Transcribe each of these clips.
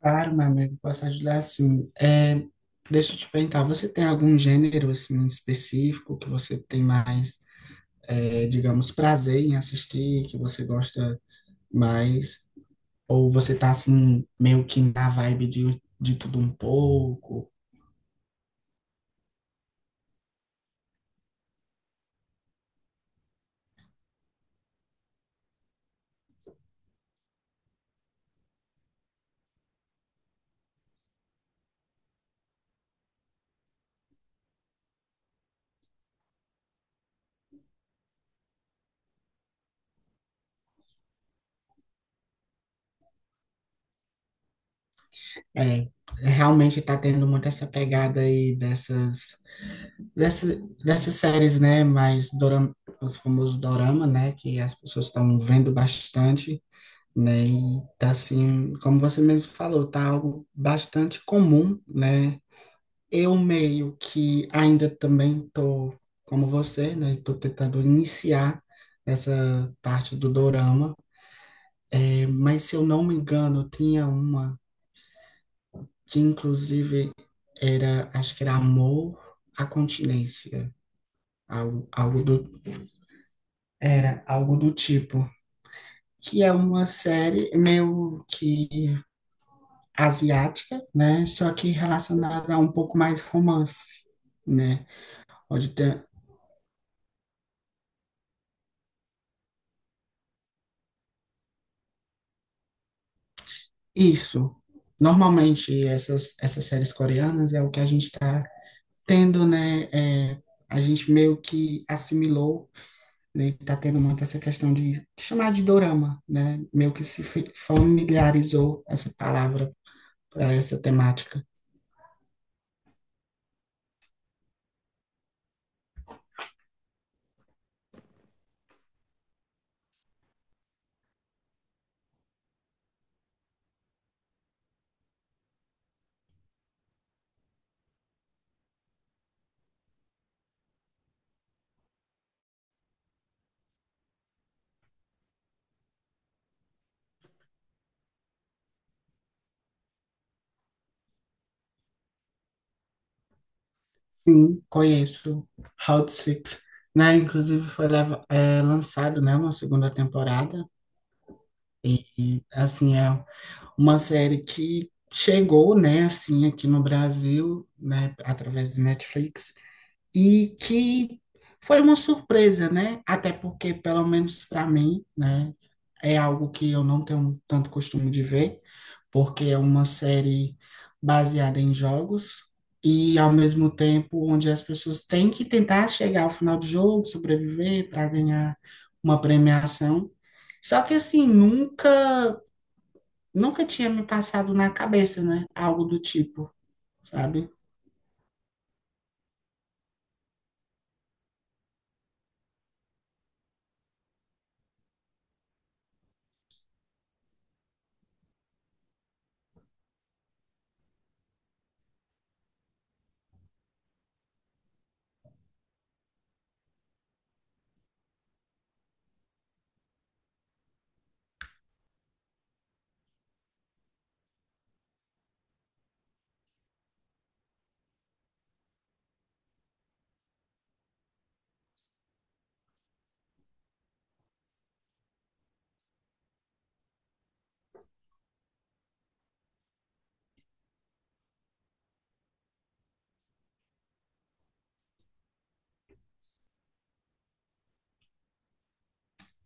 Claro, meu amigo, posso ajudar assim. Deixa eu te perguntar, você tem algum gênero assim específico que você tem mais, digamos, prazer em assistir, que você gosta mais? Ou você tá assim meio que na vibe de tudo um pouco? É, Realmente tá tendo muito essa pegada aí dessa, dessas séries, né? Mais dorama, os famosos dorama, né? Que as pessoas estão vendo bastante. Né? E tá assim, como você mesmo falou, tá algo bastante comum, né? Eu meio que ainda também tô como você, né? Tô tentando iniciar essa parte do dorama, mas se eu não me engano, tinha uma que inclusive era, acho que era Amor à Continência, algo do, era algo do tipo. Que é uma série meio que asiática, né? Só que relacionada a um pouco mais romance, né? Pode ter isso. Normalmente essas séries coreanas é o que a gente está tendo, né? É, a gente meio que assimilou, né? Tá tendo muito essa questão de chamar de dorama, né? Meio que se familiarizou essa palavra para essa temática. Sim, conheço Hot Six, né? Inclusive foi lançado, né, uma segunda temporada. E, assim, é uma série que chegou, né, assim, aqui no Brasil, né, através do Netflix, e que foi uma surpresa, né? Até porque, pelo menos para mim, né, é algo que eu não tenho tanto costume de ver, porque é uma série baseada em jogos e, ao mesmo tempo, onde as pessoas têm que tentar chegar ao final do jogo, sobreviver para ganhar uma premiação. Só que assim, nunca tinha me passado na cabeça, né? Algo do tipo, sabe?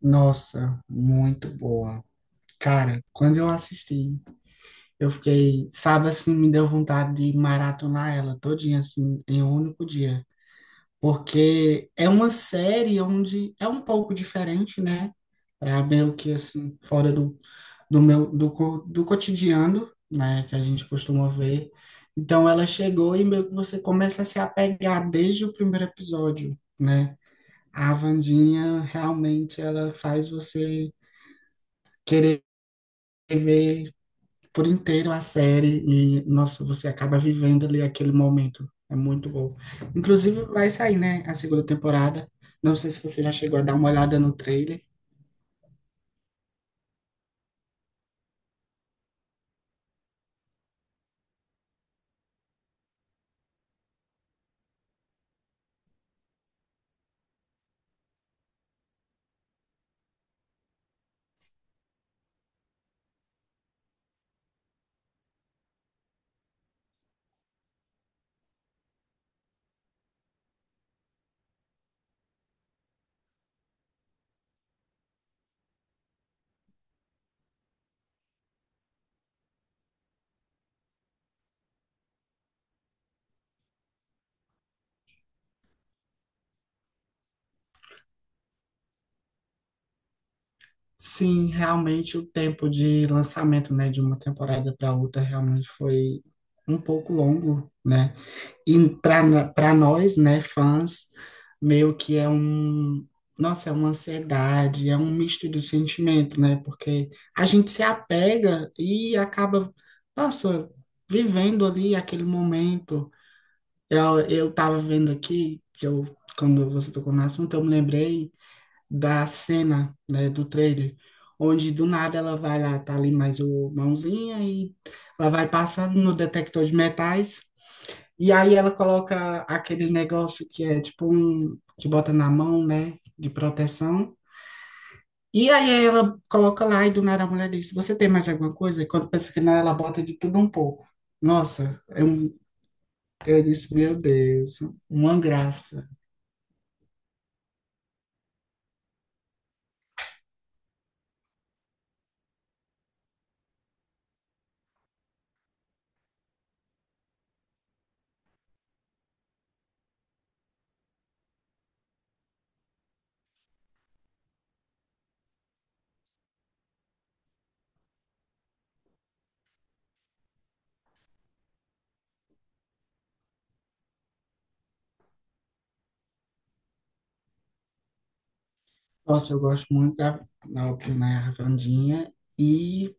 Nossa, muito boa. Cara, quando eu assisti, eu fiquei, sabe assim, me deu vontade de maratonar ela todinha assim em um único dia, porque é uma série onde é um pouco diferente, né? Pra meio que assim, fora do, do meu do, co- do cotidiano, né, que a gente costuma ver. Então ela chegou e meio que você começa a se apegar desde o primeiro episódio, né? A Wandinha realmente ela faz você querer ver por inteiro a série e, nossa, você acaba vivendo ali aquele momento. É muito bom. Inclusive, vai sair, né, a segunda temporada. Não sei se você já chegou a dar uma olhada no trailer. Sim, realmente o tempo de lançamento, né, de uma temporada para outra realmente foi um pouco longo, né? E para nós, né, fãs, meio que é um, nossa, é uma ansiedade, é um misto de sentimento, né? Porque a gente se apega e acaba, nossa, vivendo ali aquele momento. Eu tava vendo aqui que eu quando você tocou no assunto, eu me lembrei da cena, né, do trailer, onde do nada ela vai lá, tá ali mais o mãozinha e ela vai passando no detector de metais e aí ela coloca aquele negócio que é tipo um que bota na mão, né, de proteção. E aí ela coloca lá e do nada a mulher diz: "Você tem mais alguma coisa?" E quando pensa que não, ela bota de tudo um pouco. Nossa, eu, eu disse, meu Deus, uma graça. Nossa, eu gosto muito da, óbvio, né, Wandinha. E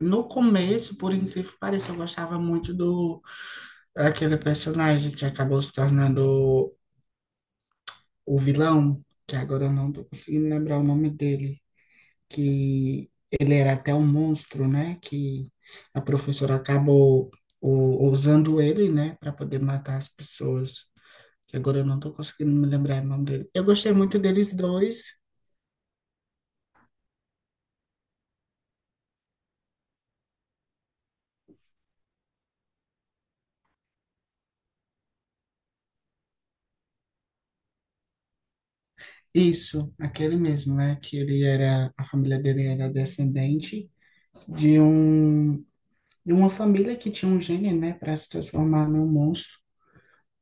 no começo, por incrível que pareça, eu gostava muito do daquele personagem que acabou se tornando o vilão, que agora eu não tô conseguindo lembrar o nome dele, que ele era até um monstro, né? Que a professora acabou usando ele, né, para poder matar as pessoas. Que agora eu não tô conseguindo me lembrar o nome dele. Eu gostei muito deles dois. Isso, aquele mesmo, né? Que ele era, a família dele era descendente de um de uma família que tinha um gene, né, para se transformar num monstro.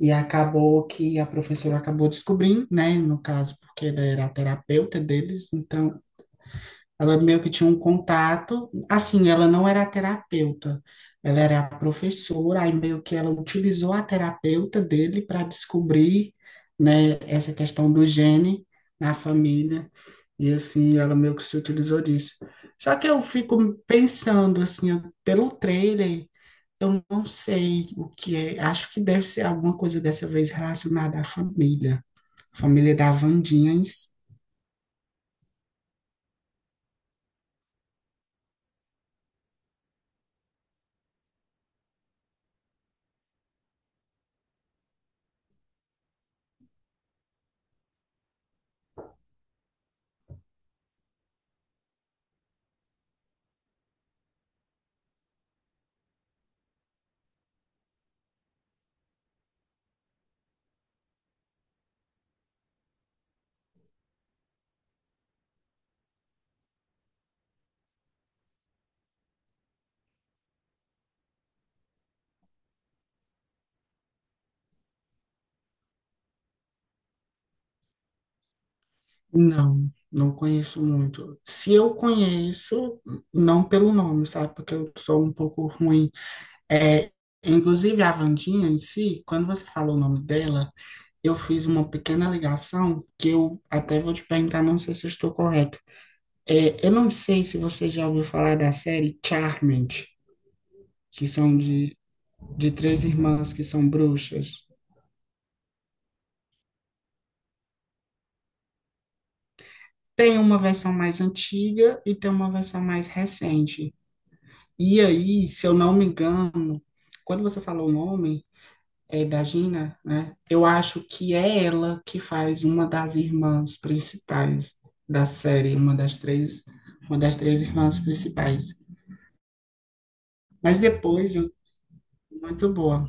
E acabou que a professora acabou descobrindo, né, no caso, porque ela era a terapeuta deles, então ela meio que tinha um contato. Assim, ela não era a terapeuta, ela era a professora, aí meio que ela utilizou a terapeuta dele para descobrir, né, essa questão do gene na família. E assim, ela meio que se utilizou disso. Só que eu fico pensando, assim, pelo trailer. Eu não sei o que é, acho que deve ser alguma coisa dessa vez relacionada à família. A família da Wandinha em si. Não, não conheço muito. Se eu conheço, não pelo nome, sabe? Porque eu sou um pouco ruim. É, inclusive, a Wandinha em si, quando você falou o nome dela, eu fiz uma pequena ligação que eu até vou te perguntar, não sei se eu estou correto. É, eu não sei se você já ouviu falar da série Charmed, que são de três irmãs que são bruxas. Tem uma versão mais antiga e tem uma versão mais recente. E aí, se eu não me engano, quando você falou o nome da Gina, né? Eu acho que é ela que faz uma das irmãs principais da série, uma das três irmãs principais. Mas depois eu muito boa.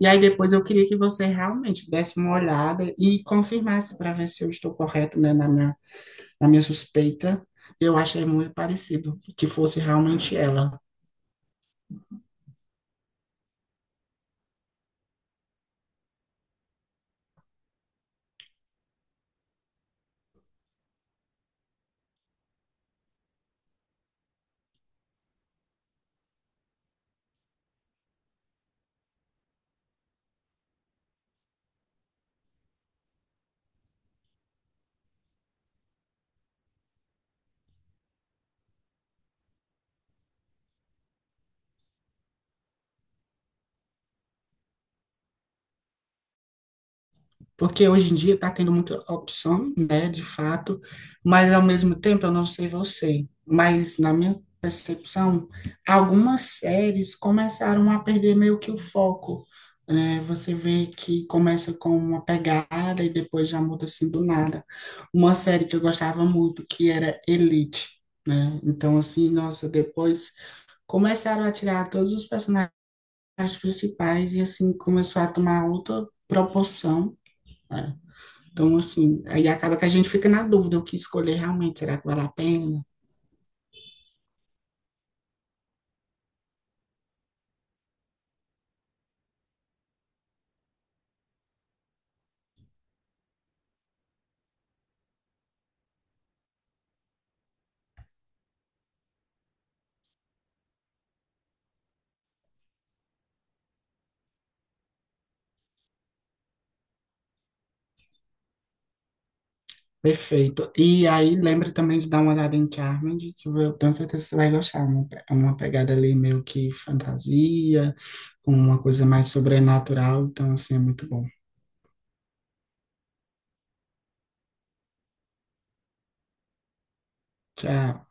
E aí depois eu queria que você realmente desse uma olhada e confirmasse para ver se eu estou correto, né, na minha a minha suspeita, eu achei muito parecido, que fosse realmente ela. Porque hoje em dia está tendo muita opção, né, de fato, mas ao mesmo tempo, eu não sei você, mas na minha percepção, algumas séries começaram a perder meio que o foco, né? Você vê que começa com uma pegada e depois já muda assim do nada. Uma série que eu gostava muito, que era Elite, né? Então, assim, nossa, depois começaram a tirar todos os personagens as principais e assim começou a tomar outra proporção. Né? Então, assim, aí acaba que a gente fica na dúvida o que escolher realmente, será que vale a pena? Perfeito. E aí lembra também de dar uma olhada em Charmed, que eu tenho certeza que você vai gostar. É uma pegada ali meio que fantasia, com uma coisa mais sobrenatural, então assim é muito bom. Tchau.